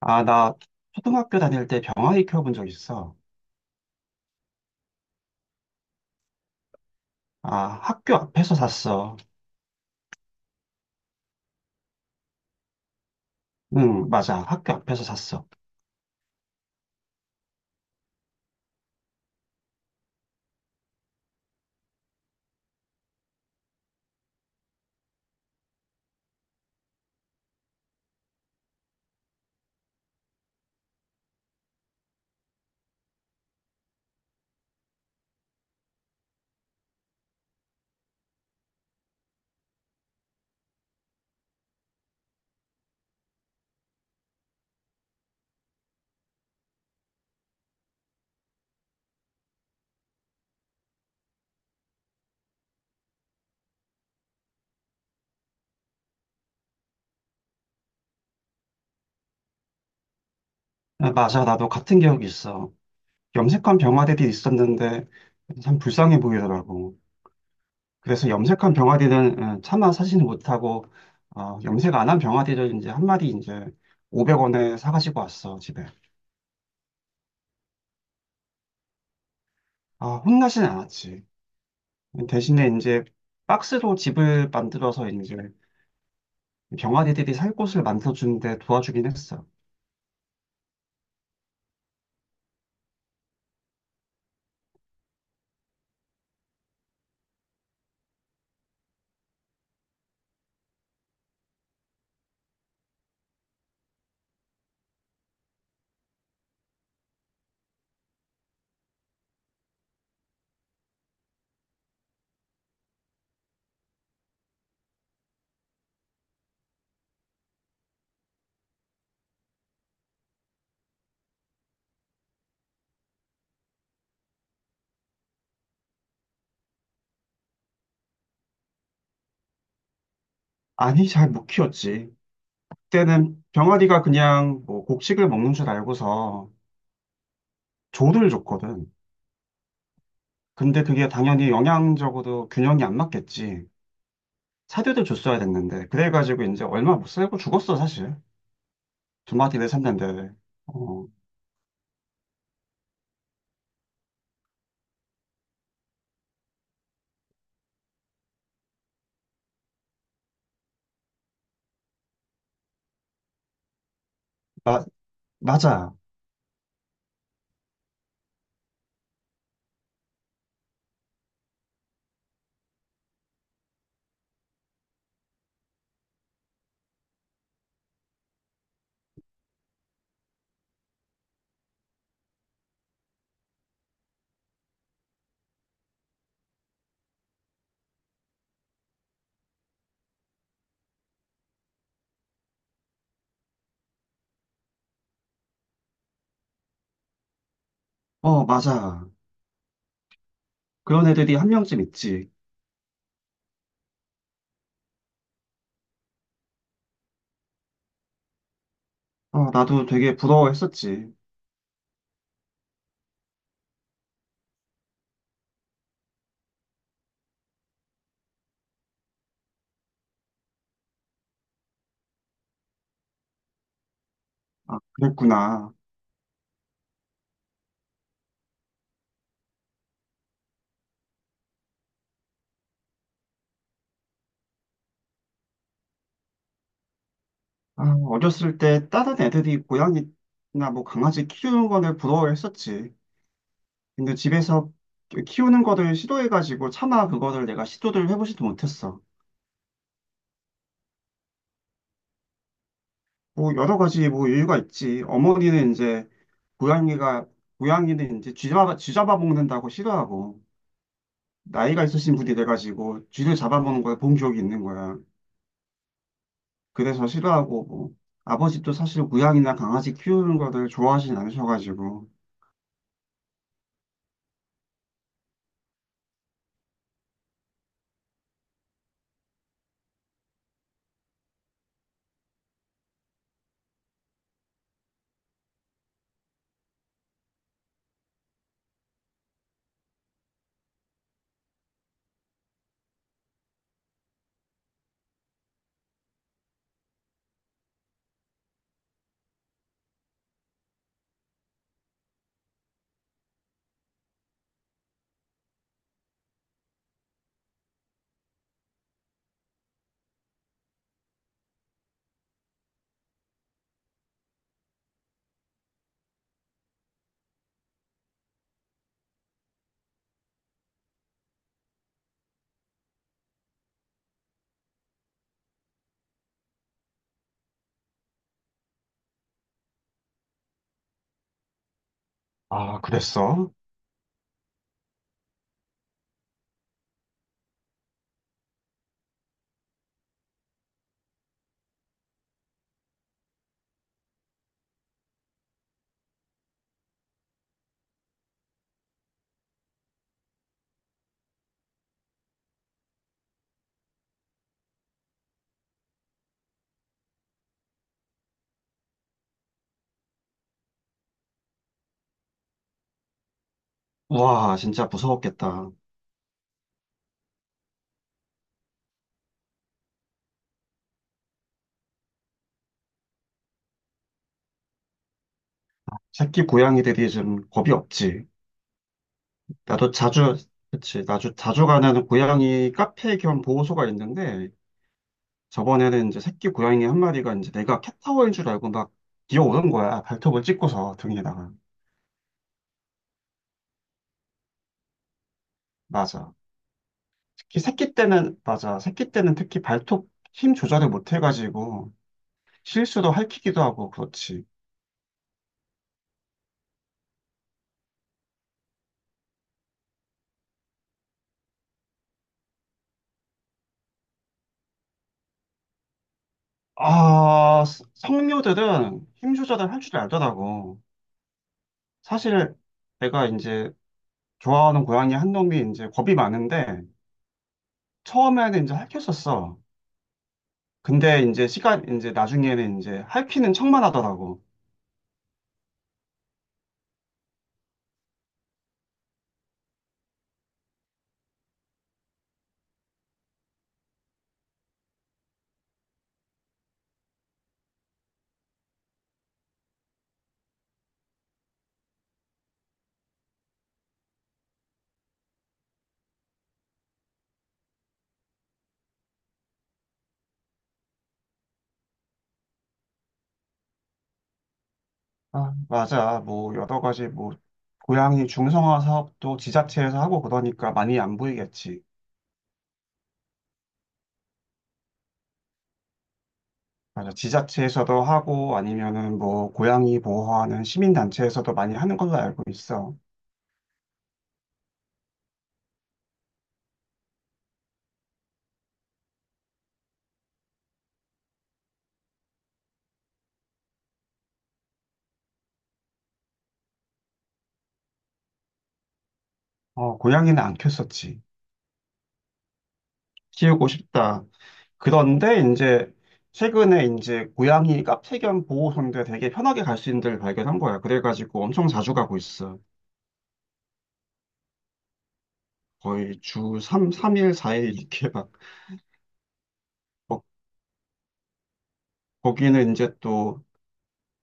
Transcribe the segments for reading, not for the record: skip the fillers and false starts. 아, 나 초등학교 다닐 때 병아리 키워본 적 있어. 아, 학교 앞에서 샀어. 응, 맞아. 학교 앞에서 샀어. 아, 맞아. 나도 같은 기억이 있어. 염색한 병아리들이 있었는데 참 불쌍해 보이더라고. 그래서 염색한 병아리는 차마 사지는 못하고 염색 안 한 병아리를 이제 한 마리 이제 500원에 사가지고 왔어, 집에. 아, 혼나진 않았지. 대신에 이제 박스로 집을 만들어서 이제 병아리들이 살 곳을 만들어주는데 도와주긴 했어. 아니, 잘 못 키웠지. 그때는 병아리가 그냥 뭐 곡식을 먹는 줄 알고서 조를 줬거든. 근데 그게 당연히 영양적으로 균형이 안 맞겠지. 사료도 줬어야 됐는데. 그래가지고 이제 얼마 못 살고 죽었어, 사실. 두 마리를 샀는데. 어, 마, 맞아. 어, 맞아. 그런 애들이 한 명쯤 있지. 어, 나도 되게 부러워했었지. 아, 그랬구나. 아, 어렸을 때 다른 애들이 고양이나 뭐 강아지 키우는 거를 부러워했었지. 근데 집에서 키우는 거를 시도해가지고 차마 그거를 내가 시도를 해보지도 못했어. 뭐 여러 가지 뭐 이유가 있지. 어머니는 이제 고양이가 고양이는 이제 쥐 잡아먹는다고 싫어하고 나이가 있으신 분이 돼가지고 쥐를 잡아먹는 걸 본 기억이 있는 거야. 그래서 싫어하고 뭐 아버지도 사실 고양이나 강아지 키우는 거를 좋아하진 않으셔가지고. 아 그랬어? 와 진짜 무서웠겠다. 새끼 고양이들이 좀 겁이 없지. 나도 자주, 그치, 나도 자주 가는 고양이 카페 겸 보호소가 있는데, 저번에는 이제 새끼 고양이 한 마리가 이제 내가 캣타워인 줄 알고 막 뛰어오는 거야. 발톱을 찍고서 등에다가. 맞아. 특히 새끼 때는, 맞아. 새끼 때는 특히 발톱 힘 조절을 못 해가지고, 실수도 할퀴기도 하고, 그렇지. 아, 성묘들은 힘 조절을 할 줄 알더라고. 사실 내가 이제 좋아하는 고양이 한 놈이 이제 겁이 많은데, 처음에는 이제 할퀴었었어. 근데 이제 이제 나중에는 이제 할퀴는 척만 하더라고. 아, 맞아. 뭐 여러 가지 뭐 고양이 중성화 사업도 지자체에서 하고 그러니까 많이 안 보이겠지. 맞아. 지자체에서도 하고 아니면은 뭐 고양이 보호하는 시민단체에서도 많이 하는 걸로 알고 있어. 어, 고양이는 안 키웠었지. 키우고 싶다. 그런데 이제 최근에 이제 고양이 카페 겸 보호소인데 되게 편하게 갈 수 있는 데를 발견한 거야. 그래가지고 엄청 자주 가고 있어. 거의 주 3, 삼일사일 이렇게 막, 거- 거기는 이제 또,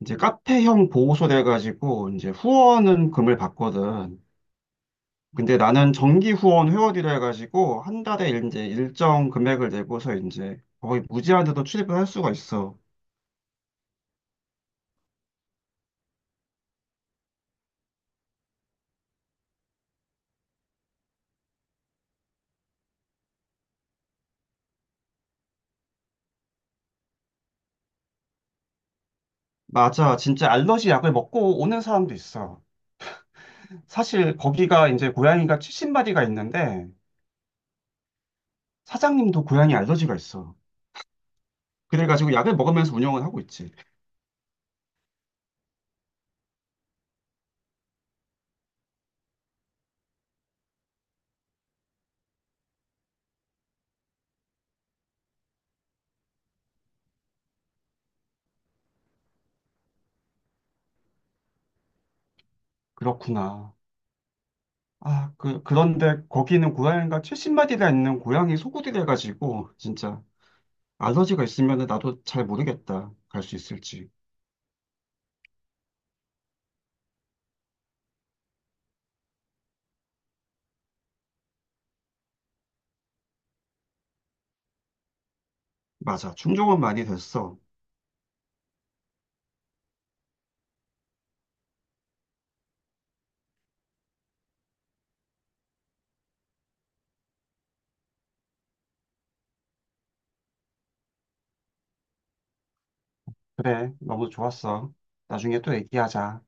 이제 카페형 보호소 돼가지고, 이제 후원은 금을 받거든. 근데 나는 정기 후원 회원이라 해가지고, 한 달에 이제 일정 금액을 내고서 이제 거의 무제한으로 출입을 할 수가 있어. 맞아. 진짜 알러지 약을 먹고 오는 사람도 있어. 사실 거기가 이제 고양이가 70마리가 있는데, 사장님도 고양이 알러지가 있어. 그래가지고 약을 먹으면서 운영을 하고 있지. 그렇구나. 아, 그런데 거기는 고양이가 70마리나 있는 고양이 소구이라가지고 진짜, 알러지가 있으면 나도 잘 모르겠다. 갈 수 있을지. 맞아. 충족은 많이 됐어. 그래, 너무 좋았어. 나중에 또 얘기하자.